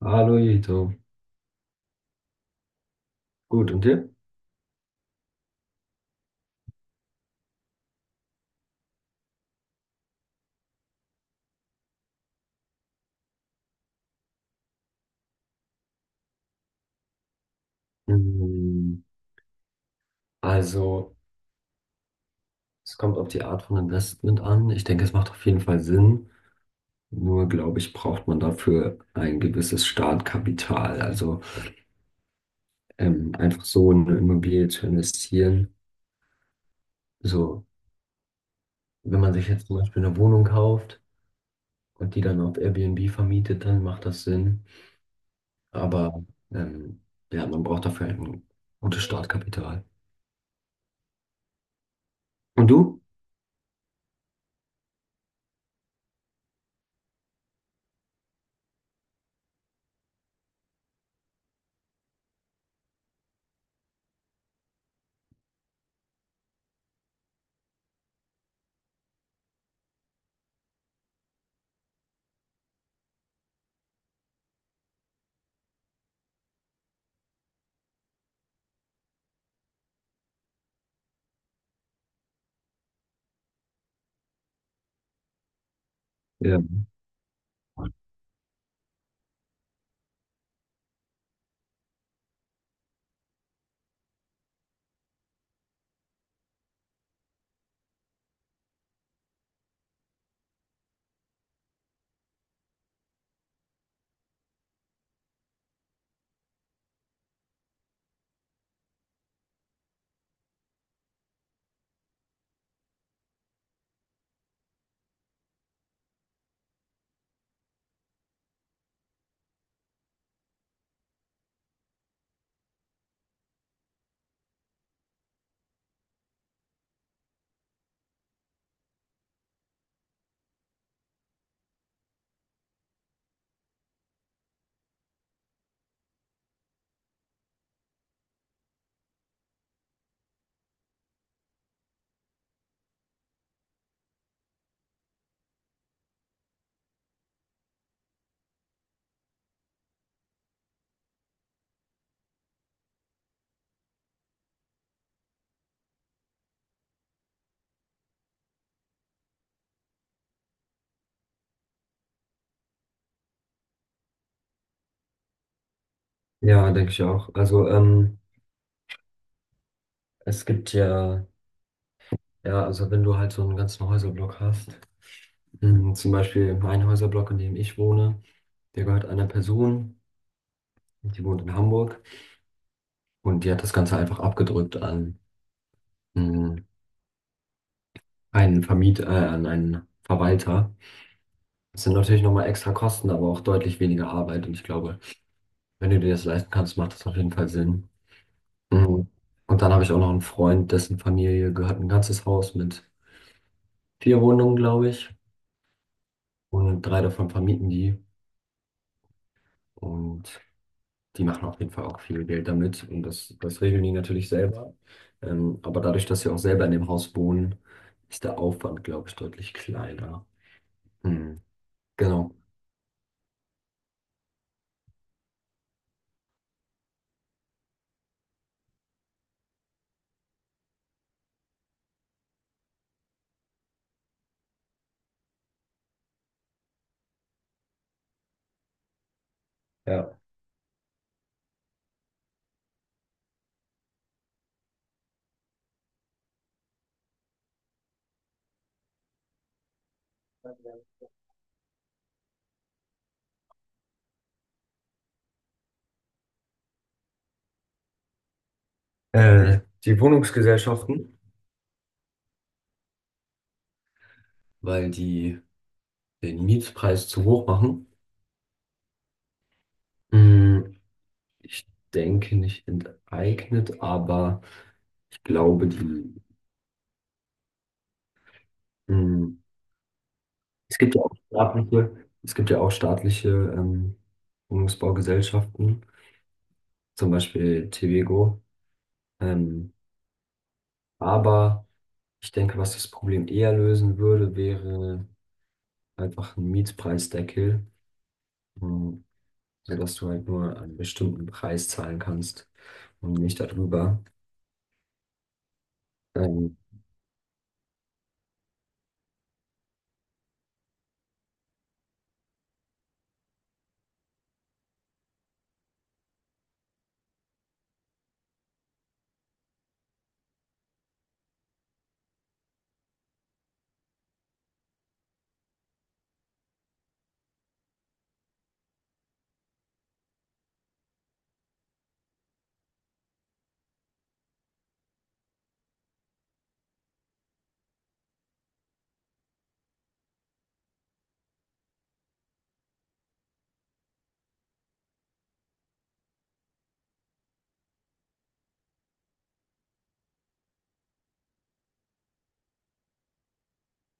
Hallo Jito. Gut, und dir? Mm, Also, es kommt auf die Art von Investment an. Ich denke, es macht auf jeden Fall Sinn. Nur, glaube ich, braucht man dafür ein gewisses Startkapital. Also, einfach so in eine Immobilie zu investieren. So, wenn man sich jetzt zum Beispiel eine Wohnung kauft und die dann auf Airbnb vermietet, dann macht das Sinn. Aber, ähm, ja, man braucht dafür ein gutes Startkapital. Und du? Ja. Ja, denke ich auch. Also, es gibt ja, ja, also wenn du halt so einen ganzen Häuserblock hast, zum Beispiel ein Häuserblock, in dem ich wohne, der gehört einer Person, die wohnt in Hamburg und die hat das Ganze einfach abgedrückt an mh, einen Vermieter, an einen Verwalter. Das sind natürlich nochmal extra Kosten, aber auch deutlich weniger Arbeit und ich glaube, wenn du dir das leisten kannst, macht das auf jeden Fall Sinn. Mhm. Und dann habe ich auch noch einen Freund, dessen Familie gehört ein ganzes Haus mit vier Wohnungen, glaube ich, und drei davon vermieten die und die machen auf jeden Fall auch viel Geld damit und das regeln die natürlich selber. Aber dadurch, dass sie auch selber in dem Haus wohnen, ist der Aufwand, glaube ich, deutlich kleiner. Hm, genau. Ja. Die Wohnungsgesellschaften, weil die den Mietpreis zu hoch machen, hm, ich denke nicht enteignet, aber ich glaube, die, hm, es gibt ja auch staatliche, es gibt ja auch staatliche Wohnungsbaugesellschaften, zum Beispiel TVGO. Ähm, aber ich denke, was das Problem eher lösen würde, wäre einfach ein Mietpreisdeckel, ähm, sodass du halt nur einen bestimmten Preis zahlen kannst und nicht darüber. Ähm,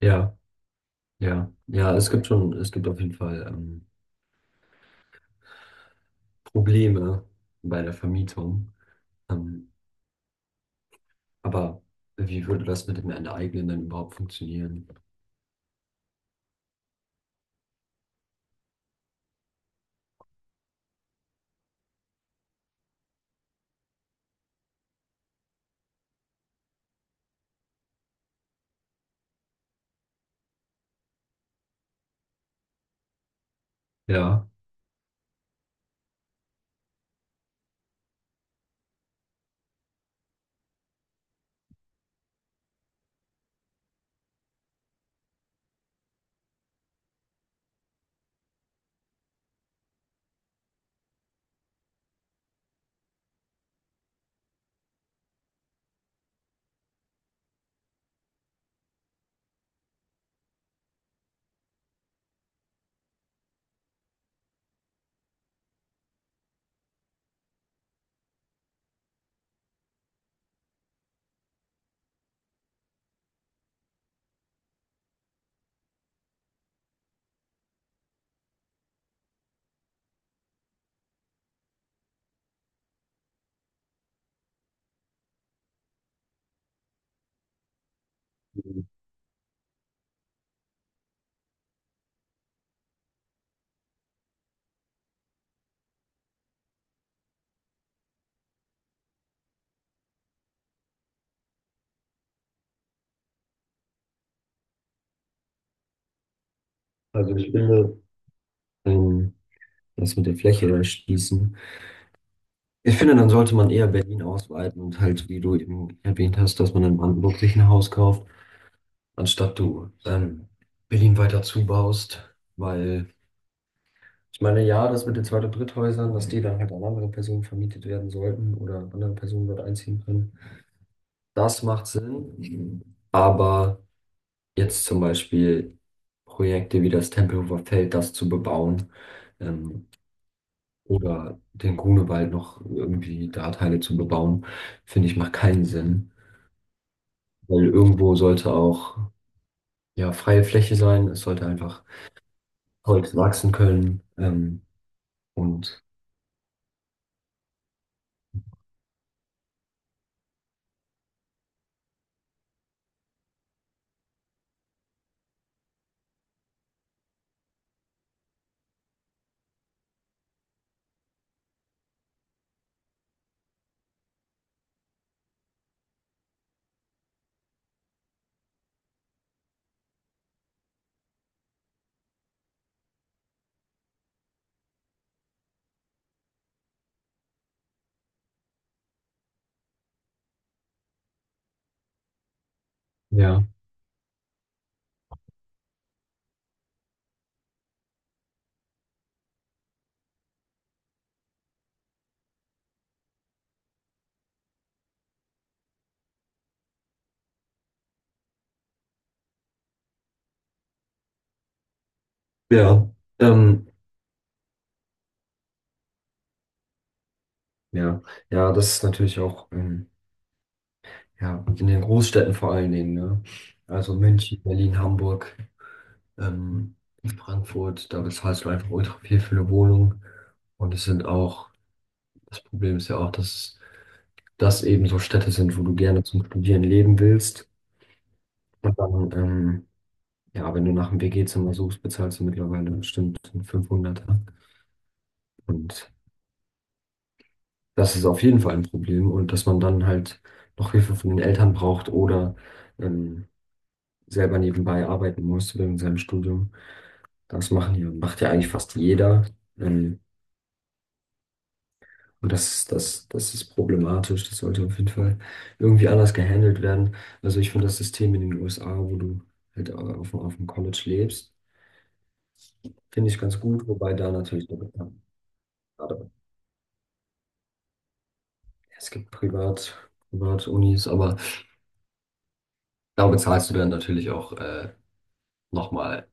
ja, ja, ja, es gibt auf jeden Fall Probleme bei der Vermietung. Ähm, aber wie würde das mit dem Enteignen denn überhaupt funktionieren? Ja, also ich finde, ähm, das mit der Fläche erschließen. Ich finde, dann sollte man eher Berlin ausweiten und halt, wie du eben erwähnt hast, dass man in Brandenburg sich ein Haus kauft, anstatt du Berlin weiter zubaust. Weil ich meine, ja, das mit den Zweit- und Dritthäusern, dass die dann halt an andere Personen vermietet werden sollten oder andere Personen dort einziehen können, das macht Sinn. Aber jetzt zum Beispiel Projekte wie das Tempelhofer Feld, das zu bebauen ähm, oder den Grunewald noch irgendwie da Teile zu bebauen, finde ich, macht keinen Sinn. Weil irgendwo sollte auch ja freie Fläche sein. Es sollte einfach Holz wachsen können. Und ja, ja, ähm, ja, ja, das ist natürlich auch ja, in den Großstädten vor allen Dingen. Ne? Also München, Berlin, Hamburg, ähm, Frankfurt, da bezahlst du einfach ultra viel für eine Wohnung. Und es sind auch, das Problem ist ja auch, dass das eben so Städte sind, wo du gerne zum Studieren leben willst. Und dann ja, wenn du nach einem WG-Zimmer suchst, bezahlst du mittlerweile bestimmt einen 500. Und das ist auf jeden Fall ein Problem. Und dass man dann halt noch Hilfe von den Eltern braucht oder ähm, selber nebenbei arbeiten muss wegen seinem Studium. Das machen ja, macht ja eigentlich fast jeder. Ähm, und das ist problematisch. Das sollte auf jeden Fall irgendwie anders gehandelt werden. Also ich finde das System in den USA, wo du halt auf dem College lebst, finde ich ganz gut, wobei da natürlich noch. Es gibt Privat, Privatunis, aber da bezahlst du dann natürlich auch nochmal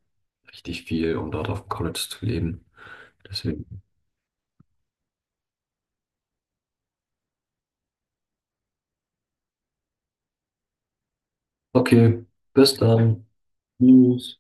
richtig viel, um dort auf dem College zu leben. Deswegen. Okay, bis dann. Tschüss.